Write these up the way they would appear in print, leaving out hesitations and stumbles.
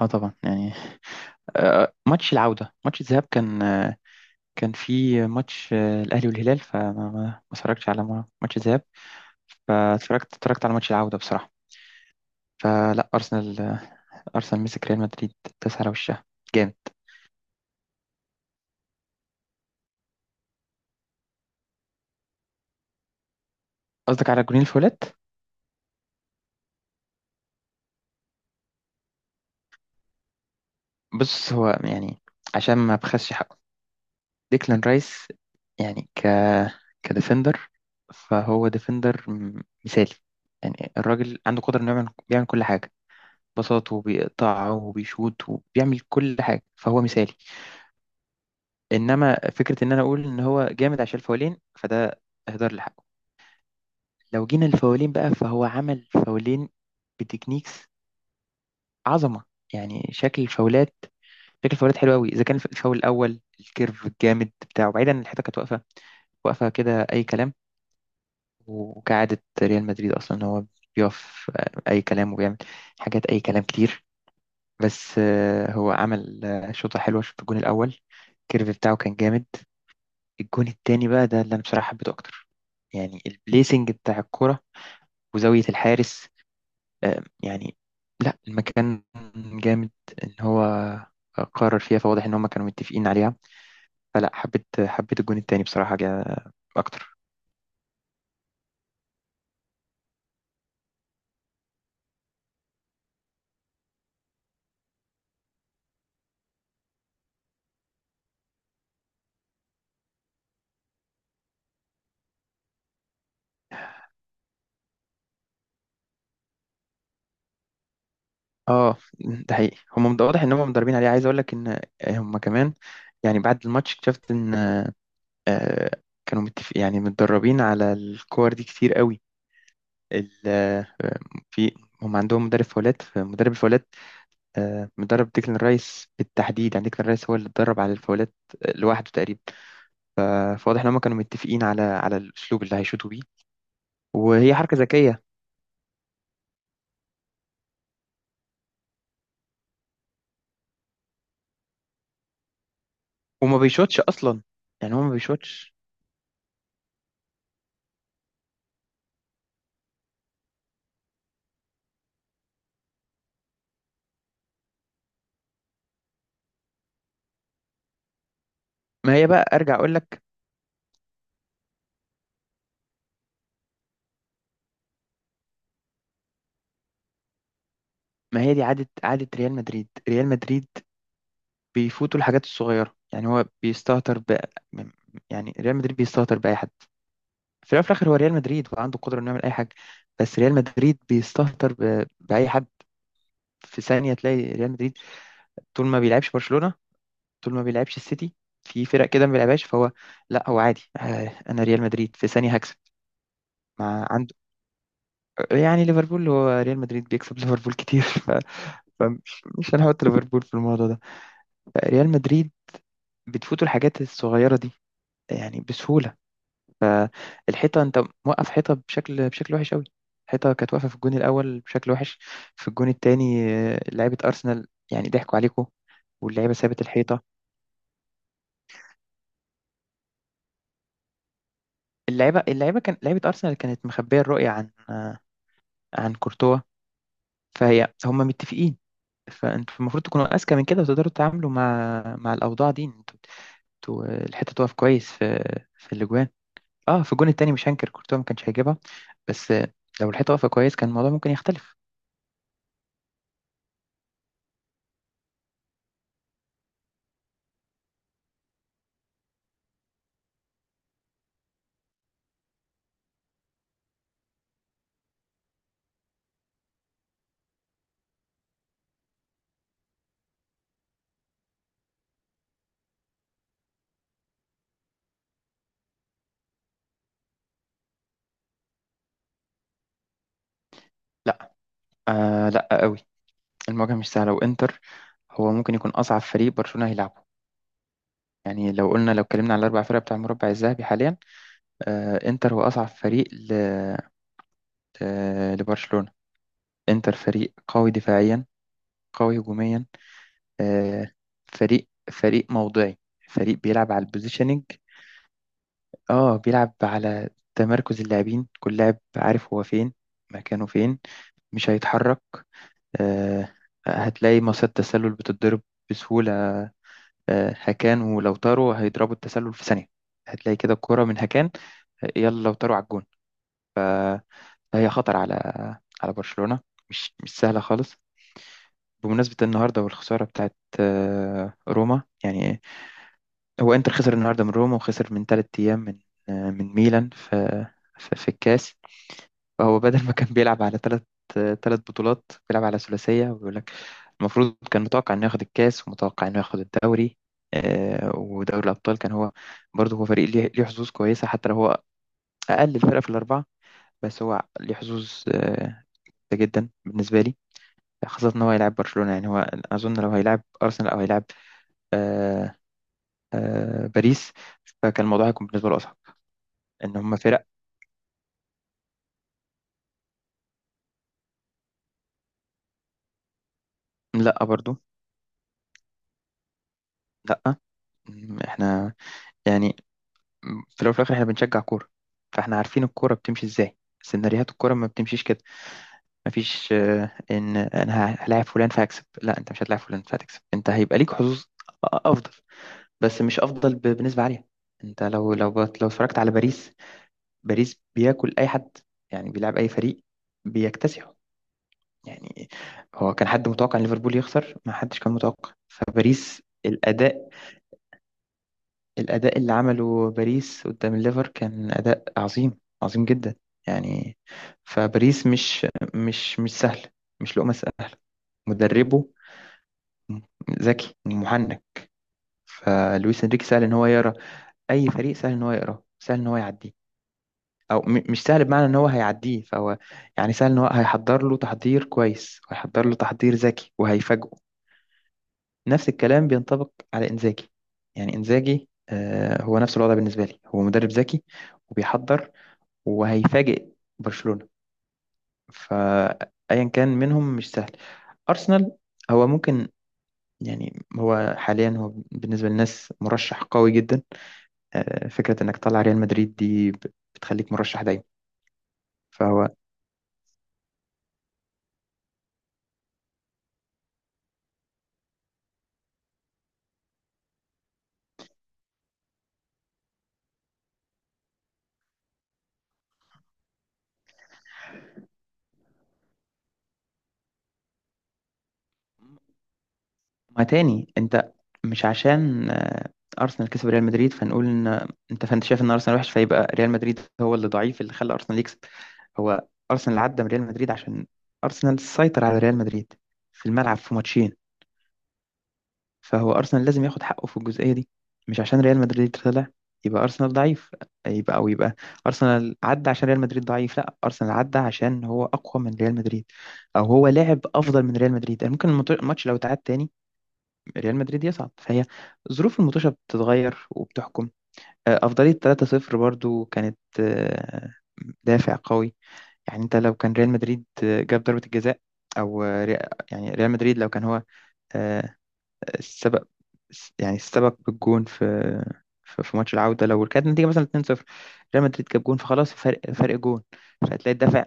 اه طبعا يعني. ماتش العودة ماتش الذهاب كان في ماتش، الأهلي والهلال، فما ما ما اتفرجتش على ماتش الذهاب. فاتفرجت على ماتش العودة بصراحة. فلا أرسنال مسك ريال مدريد، داس على وشها جامد. قصدك على جونين الفولات؟ بص، هو يعني عشان ما بخسش حقه، ديكلان رايس يعني كديفندر، فهو ديفندر مثالي. يعني الراجل عنده قدرة إنه يعمل كل حاجة، بساط وبيقطع وبيشوط وبيعمل كل حاجة، فهو مثالي. إنما فكرة إن أنا أقول إن هو جامد عشان الفاولين، فده إهدار لحقه. لو جينا الفاولين بقى، فهو عمل فاولين بتكنيكس عظمة. يعني شكل الفاولات حلو قوي. إذا كان الفاول الأول، الكيرف الجامد بتاعه، بعيدا عن الحتة كانت واقفة كده أي كلام. وكعادة ريال مدريد أصلا، هو بيقف أي كلام، وبيعمل حاجات أي كلام كتير. بس، هو عمل شوطة حلوة في الجون الأول، الكيرف بتاعه كان جامد. الجون التاني بقى ده اللي أنا بصراحة حبيته أكتر. يعني البليسنج بتاع الكرة، وزاوية الحارس، يعني لا، المكان جامد. إن هو قرر فيها، فواضح إن هما كانوا متفقين عليها. فلا، حبيت الجون التاني بصراحة جا أكتر. اه ده حقيقي، هم واضح ان هم مدربين عليه. عايز اقول لك ان هم كمان، يعني بعد الماتش اكتشفت ان، آه، كانوا متفق يعني متدربين على الكور دي كتير قوي. ال- آه، في، هم عندهم مدرب فاولات، فمدرب الفاولات مدرب ديكلان رايس بالتحديد. يعني ديكلان رايس هو اللي اتدرب على الفاولات لوحده تقريبا. فواضح ان هم كانوا متفقين على الاسلوب اللي هيشوطوا بيه. وهي حركه ذكيه. وما بيشوطش اصلا، يعني هو ما بيشوطش. ما هي بقى، ارجع اقول لك، ما هي دي عاده ريال مدريد بيفوتوا الحاجات الصغيره، يعني هو بيستهتر يعني ريال مدريد بيستهتر باي حد. في الأول وفي الآخر هو ريال مدريد، وعنده القدرة إنه يعمل أي حاجة، بس ريال مدريد بيستهتر بأي حد. في ثانية تلاقي ريال مدريد، طول ما بيلعبش برشلونة، طول ما بيلعبش السيتي، في فرق كده ما بيلعبهاش، فهو لا، هو عادي، أنا ريال مدريد في ثانية هكسب. مع عنده، يعني ليفربول، هو ريال مدريد بيكسب ليفربول كتير ف... فمش مش هنحط ليفربول في الموضوع ده. ريال مدريد بتفوتوا الحاجات الصغيرة دي، يعني بسهولة. فالحيطه، انت موقف حيطه بشكل وحش قوي. الحيطه كانت واقفه في الجون الاول بشكل وحش. في الجون الثاني، لعيبه ارسنال يعني ضحكوا عليكم. واللعيبه سابت الحيطه. اللعيبه اللعيبه كان لعيبه ارسنال كانت مخبيه الرؤيه عن كورتوا. فهي هم متفقين. فانتوا المفروض تكونوا اذكى من كده، وتقدروا تتعاملوا مع الاوضاع دي. انتوا الحته تقف كويس في الاجوان. اه في الجون التاني مش هنكر، كورتوا ما كانش هيجيبها. بس لو الحته واقفه كويس، كان الموضوع ممكن يختلف. آه لا قوي، المواجهة مش سهلة، وإنتر هو ممكن يكون أصعب فريق برشلونة هيلعبه. يعني لو اتكلمنا على الأربع فرق بتاع المربع الذهبي حاليا، آه إنتر هو أصعب فريق ل... آه لبرشلونة. إنتر فريق قوي دفاعيا، قوي هجوميا، آه فريق موضعي. فريق بيلعب على البوزيشننج، اه بيلعب على تمركز اللاعبين. كل لاعب عارف هو فين، مكانه فين، مش هيتحرك. آه هتلاقي مصيدة تسلل بتتضرب بسهولة. هكان ولوتارو هيضربوا التسلل في ثانية. هتلاقي كده الكرة من هكان، يلا لوتارو على الجون. فهي خطر على برشلونة، مش سهلة خالص. بمناسبة النهاردة والخسارة بتاعت روما، يعني هو انتر خسر النهاردة من روما، وخسر من تلات أيام من ميلان في الكاس. هو بدل ما كان بيلعب على ثلاث بطولات، بيلعب على ثلاثية، وبيقول لك المفروض كان متوقع انه ياخد الكاس، ومتوقع انه ياخد الدوري، ودوري الابطال كان هو. برضه هو فريق ليه حظوظ كويسة، حتى لو هو اقل الفرق في الاربعة. بس هو ليه حظوظ آه، جدا بالنسبة لي، خاصة ان هو هيلاعب برشلونة. يعني هو اظن لو هيلاعب ارسنال، او هيلاعب، آه، باريس، فكان الموضوع هيكون بالنسبة له اصعب. ان هم فرق، لا برضه، لا احنا، يعني في الأول وفي الآخر إحنا بنشجع كورة. فإحنا عارفين الكورة بتمشي إزاي، سيناريوهات الكورة ما بتمشيش كده. مفيش إن أنا هلاعب فلان فهكسب، لا، أنت مش هتلاعب فلان فهتكسب، أنت هيبقى ليك حظوظ أفضل، بس مش أفضل بنسبة عالية. أنت لو، لو اتفرجت على باريس، باريس بياكل أي حد. يعني بيلعب أي فريق بيكتسحه. يعني هو كان حد متوقع إن ليفربول يخسر؟ ما حدش كان متوقع. فباريس الأداء اللي عمله باريس قدام الليفر كان أداء عظيم عظيم جدا. يعني فباريس مش سهل، مش لقمة سهلة. مدربه ذكي محنك، فلويس انريكي سهل ان هو يقرا اي فريق، سهل ان هو يقراه، سهل ان هو يعديه، او مش سهل بمعنى ان هو هيعديه، فهو يعني سهل ان هو هيحضر له تحضير كويس، وهيحضر له تحضير ذكي، وهيفاجئه. نفس الكلام بينطبق على انزاجي. يعني انزاجي هو نفس الوضع بالنسبة لي، هو مدرب ذكي، وبيحضر، وهيفاجئ برشلونة. فأيا كان منهم مش سهل. أرسنال هو ممكن، يعني هو حاليا، هو بالنسبة للناس مرشح قوي جدا. فكرة إنك تطلع ريال مدريد دي بتخليك مرشح دايما. فهو، ما تاني أنت، مش عشان أرسنال كسب ريال مدريد فنقول إن أنت، فأنت شايف إن أرسنال وحش فيبقى ريال مدريد هو اللي ضعيف اللي خلى أرسنال يكسب. هو أرسنال عدى من ريال مدريد عشان أرسنال سيطر على ريال مدريد في الملعب في ماتشين. فهو أرسنال لازم ياخد حقه في الجزئية دي. مش عشان ريال مدريد طلع يبقى أرسنال ضعيف، يبقى أرسنال عدى عشان ريال مدريد ضعيف. لا، أرسنال عدى عشان هو أقوى من ريال مدريد، أو هو لاعب أفضل من ريال مدريد. يعني ممكن الماتش لو اتعاد تاني، ريال مدريد يصعد. فهي ظروف المطوشة بتتغير وبتحكم. أفضلية 3-0 برضو كانت دافع قوي. يعني أنت لو كان ريال مدريد جاب ضربة الجزاء، أو يعني ريال مدريد لو كان هو آه، السبق، يعني السبق بالجون في في ماتش العودة، لو كانت النتيجة مثلا 2-0، ريال مدريد جاب جون، فخلاص فرق جون، فهتلاقي الدفع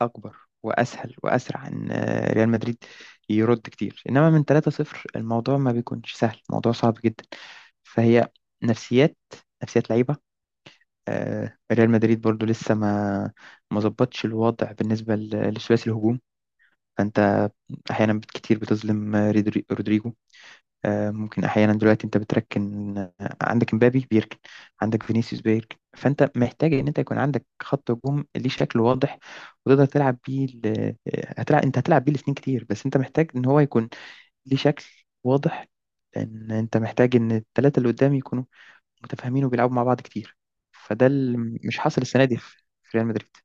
أكبر وأسهل وأسرع إن ريال مدريد يرد كتير. إنما من 3-0 الموضوع ما بيكونش سهل، الموضوع صعب جدا. فهي نفسيات نفسيات لعيبة. ريال مدريد برضو لسه ما ظبطش الوضع بالنسبة لثلاثي الهجوم. فأنت أحيانا كتير بتظلم رودريجو. ممكن احيانا دلوقتي انت بتركن، عندك مبابي بيركن، عندك فينيسيوس بيركن، فانت محتاج ان انت يكون عندك خط هجوم ليه شكل واضح، وتقدر تلعب بيه هتلعب، انت هتلعب بيه الاثنين كتير، بس انت محتاج ان هو يكون ليه شكل واضح. لان انت محتاج ان الثلاثه اللي قدام يكونوا متفاهمين، وبيلعبوا مع بعض كتير. فده اللي مش حاصل السنه دي في ريال مدريد.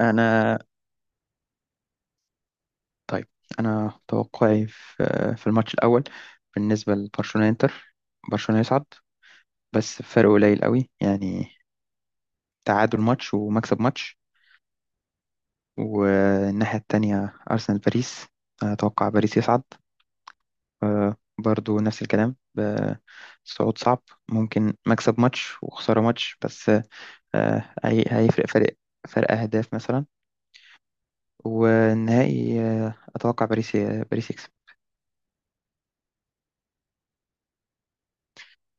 انا طيب، انا توقعي في في الماتش الاول بالنسبه لبرشلونه انتر، برشلونه يصعد، بس فرق قليل قوي، يعني تعادل ماتش ومكسب ماتش. والناحية التانية أرسنال باريس، أتوقع باريس يصعد، برضو نفس الكلام، صعود صعب، ممكن مكسب ماتش وخسارة ماتش، بس هيفرق فرق. فرق أهداف مثلا. والنهائي أتوقع باريس يكسب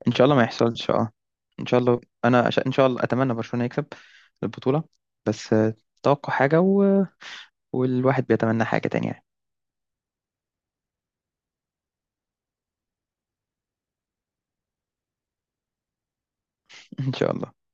إن شاء الله، ما يحصلش اه. إن شاء الله أنا إن شاء الله أتمنى برشلونة يكسب البطولة. بس توقع حاجة والواحد بيتمنى حاجة تانية. ان شاء الله.